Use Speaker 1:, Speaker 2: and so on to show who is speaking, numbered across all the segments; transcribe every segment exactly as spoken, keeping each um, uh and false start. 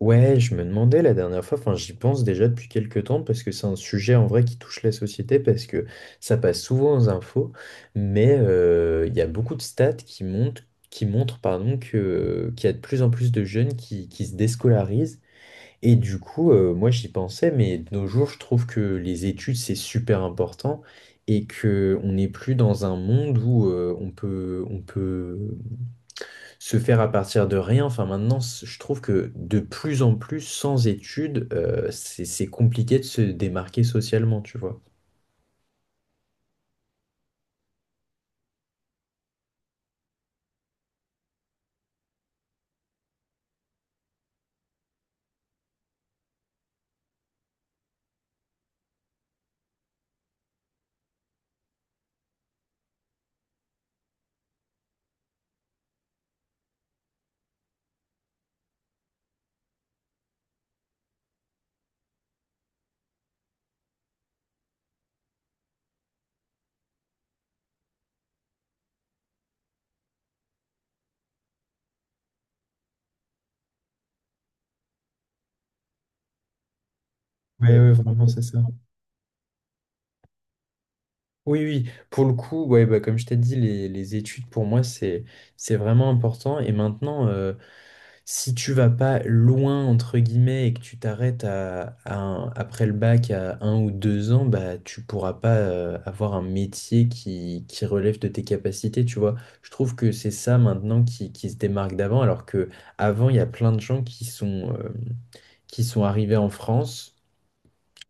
Speaker 1: Ouais, je me demandais la dernière fois, enfin j'y pense déjà depuis quelques temps parce que c'est un sujet en vrai qui touche la société parce que ça passe souvent aux infos, mais euh, il y a beaucoup de stats qui montrent, qui montrent pardon, que, qu'il y a de plus en plus de jeunes qui, qui se déscolarisent et du coup euh, moi j'y pensais mais de nos jours je trouve que les études c'est super important et que on n'est plus dans un monde où euh, on peut, on peut se faire à partir de rien. Enfin, maintenant, c- je trouve que de plus en plus, sans études, euh, c'est c'est compliqué de se démarquer socialement, tu vois. Oui, oui, vraiment, c'est ça. Oui, oui, pour le coup, ouais, bah, comme je t'ai dit, les, les études pour moi, c'est, c'est vraiment important. Et maintenant, euh, si tu vas pas loin, entre guillemets, et que tu t'arrêtes à, à un- après le bac à un ou deux ans, bah, tu pourras pas euh, avoir un métier qui, qui relève de tes capacités, tu vois. Je trouve que c'est ça maintenant qui, qui se démarque d'avant, alors que avant, il y a plein de gens qui sont, euh, qui sont arrivés en France,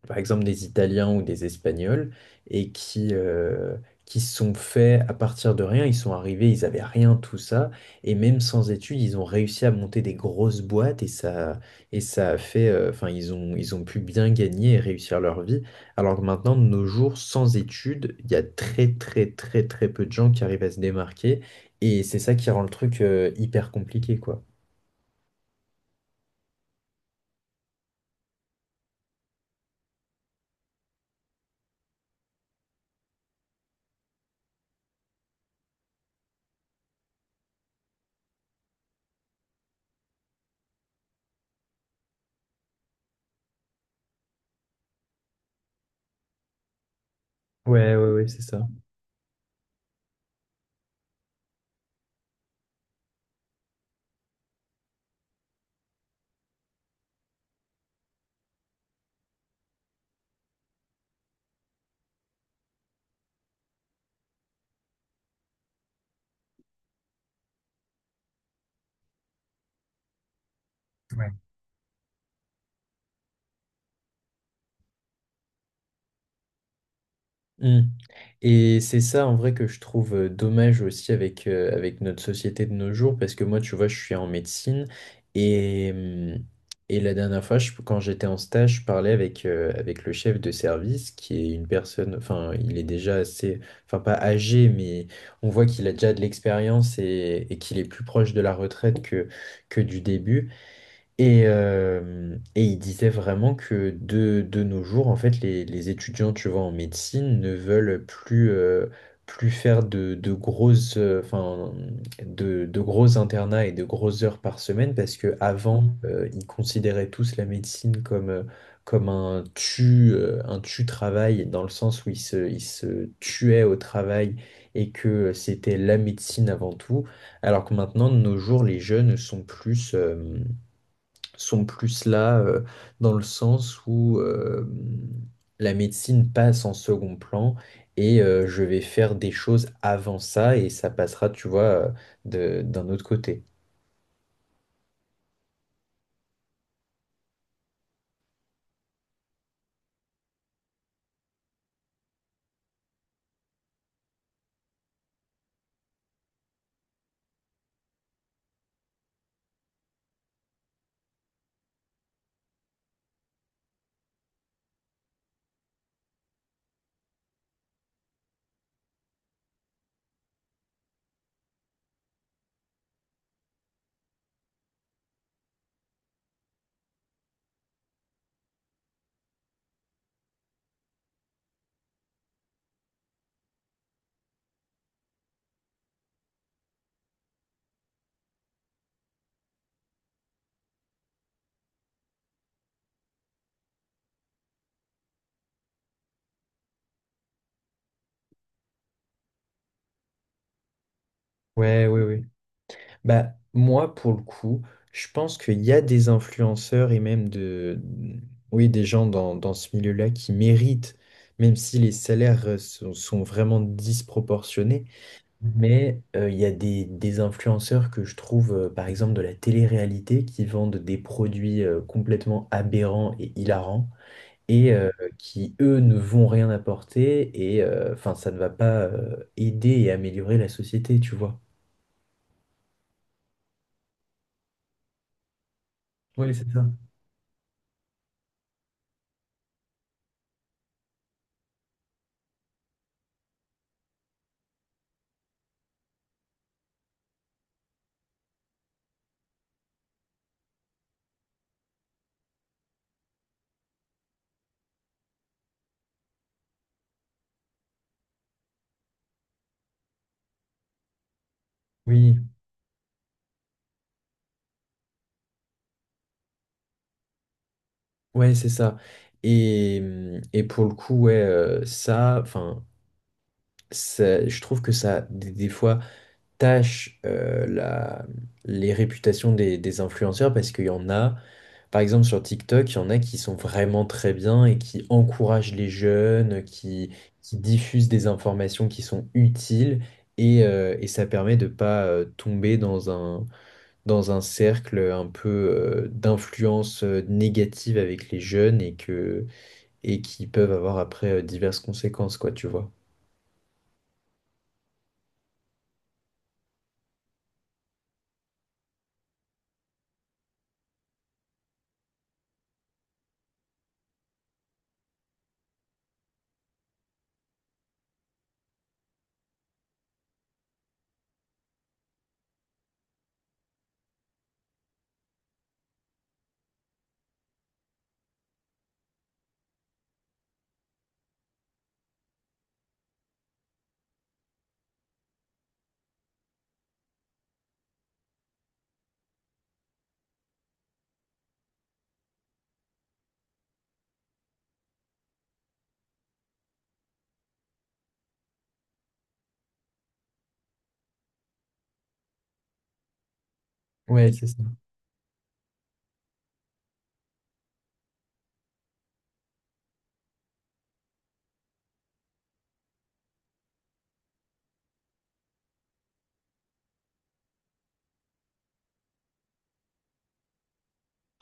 Speaker 1: par exemple des Italiens ou des Espagnols, et qui, euh, qui se sont faits à partir de rien. Ils sont arrivés, ils avaient rien, tout ça, et même sans études, ils ont réussi à monter des grosses boîtes, et ça, et ça a fait, euh, enfin, ils ont, ils ont pu bien gagner et réussir leur vie. Alors que maintenant, de nos jours, sans études, il y a très, très, très, très peu de gens qui arrivent à se démarquer, et c'est ça qui rend le truc, euh, hyper compliqué, quoi. Ouais, ouais, ouais, c'est ça. Mm. Et c'est ça en vrai que je trouve euh, dommage aussi avec, euh, avec notre société de nos jours, parce que moi, tu vois, je suis en médecine et, hum, et la dernière fois, je- quand j'étais en stage, je parlais avec, euh, avec le chef de service, qui est une personne, enfin, il est déjà assez, enfin, pas âgé, mais on voit qu'il a déjà de l'expérience et, et qu'il est plus proche de la retraite que, que du début. Et, euh, et il disait vraiment que de, de nos jours, en fait, les, les étudiants, tu vois, en médecine ne veulent plus, euh, plus faire de, de grosses, euh, enfin, de, de gros internats et de grosses heures par semaine parce que avant, euh, ils considéraient tous la médecine comme, euh, comme un tu, euh, un tu-travail dans le sens où ils se, ils se tuaient au travail et que c'était la médecine avant tout. Alors que maintenant, de nos jours, les jeunes sont plus... euh, sont plus là euh, dans le sens où euh, la médecine passe en second plan et euh, je vais faire des choses avant ça et ça passera, tu vois, euh, de- d'un autre côté. Ouais, ouais, ouais. Bah, moi, pour le coup, je pense qu'il y a des influenceurs et même de, oui, des gens dans, dans ce milieu-là qui méritent, même si les salaires euh, sont, sont vraiment disproportionnés. Mais euh, il y a des, des influenceurs que je trouve, euh, par exemple, de la télé-réalité, qui vendent des produits euh, complètement aberrants et hilarants, et euh, qui, eux, ne vont rien apporter, et euh, enfin, ça ne va pas euh, aider et améliorer la société, tu vois. Oui, c'est ça. Oui, ouais, c'est ça. Et, hum, et pour le coup, ouais, euh, ça, enfin, ça- je trouve que ça, des, des fois, tâche euh, la, les réputations des, des influenceurs, parce qu'il y en a. Par exemple, sur TikTok, il y en a qui sont vraiment très bien et qui encouragent les jeunes, qui, qui diffusent des informations qui sont utiles et, euh, et ça permet de pas euh, tomber dans un, dans un cercle un peu euh, d'influence euh, négative avec les jeunes et que, et qui peuvent avoir après euh, diverses conséquences, quoi, tu vois. Ouais, c'est ça.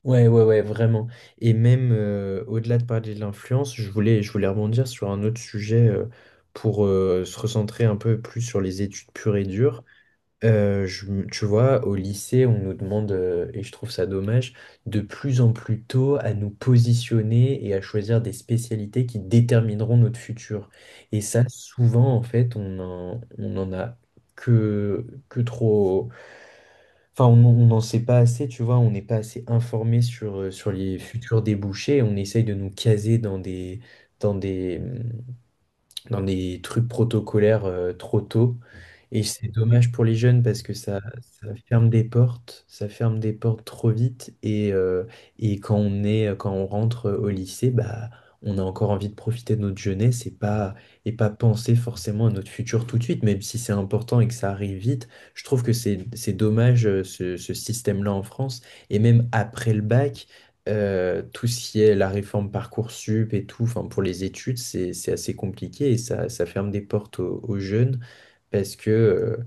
Speaker 1: Ouais, ouais, ouais, vraiment. Et même euh, au-delà de parler de l'influence, je voulais, je voulais rebondir sur un autre sujet euh, pour euh, se recentrer un peu plus sur les études pures et dures. Euh, je m- tu vois, au lycée, on nous demande, euh, et je trouve ça dommage, de plus en plus tôt à nous positionner et à choisir des spécialités qui détermineront notre futur. Et ça, souvent, en fait, on en, on en a que, que trop. Enfin, on on n'en sait pas assez, tu vois, on n'est pas assez informé sur, euh, sur les futurs débouchés. On essaye de nous caser dans des, dans des, hum, dans des trucs protocolaires euh, trop tôt. Et c'est dommage pour les jeunes parce que ça, ça ferme des portes, ça ferme des portes trop vite. Et, euh, et quand on est, quand on rentre euh, au lycée, bah, on a encore envie de profiter de notre jeunesse et pas, et pas penser forcément à notre futur tout de suite, même si c'est important et que ça arrive vite. Je trouve que c'est, c'est dommage euh, ce, ce système-là en France. Et même après le bac. Euh, tout ce qui est la réforme Parcoursup et tout, enfin pour les études, c'est c'est assez compliqué et ça, ça ferme des portes aux, aux jeunes parce que, euh,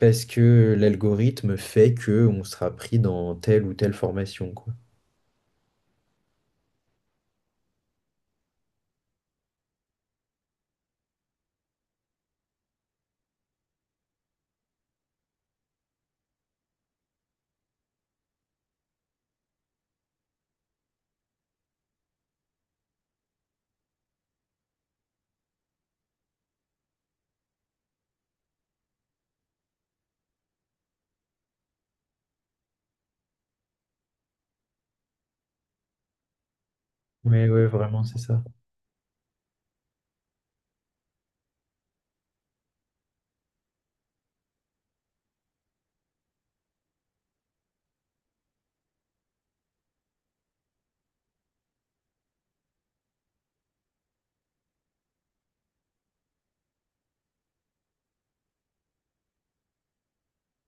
Speaker 1: parce que l'algorithme fait que on sera pris dans telle ou telle formation, quoi. Ouais, ouais, vraiment, c'est ça.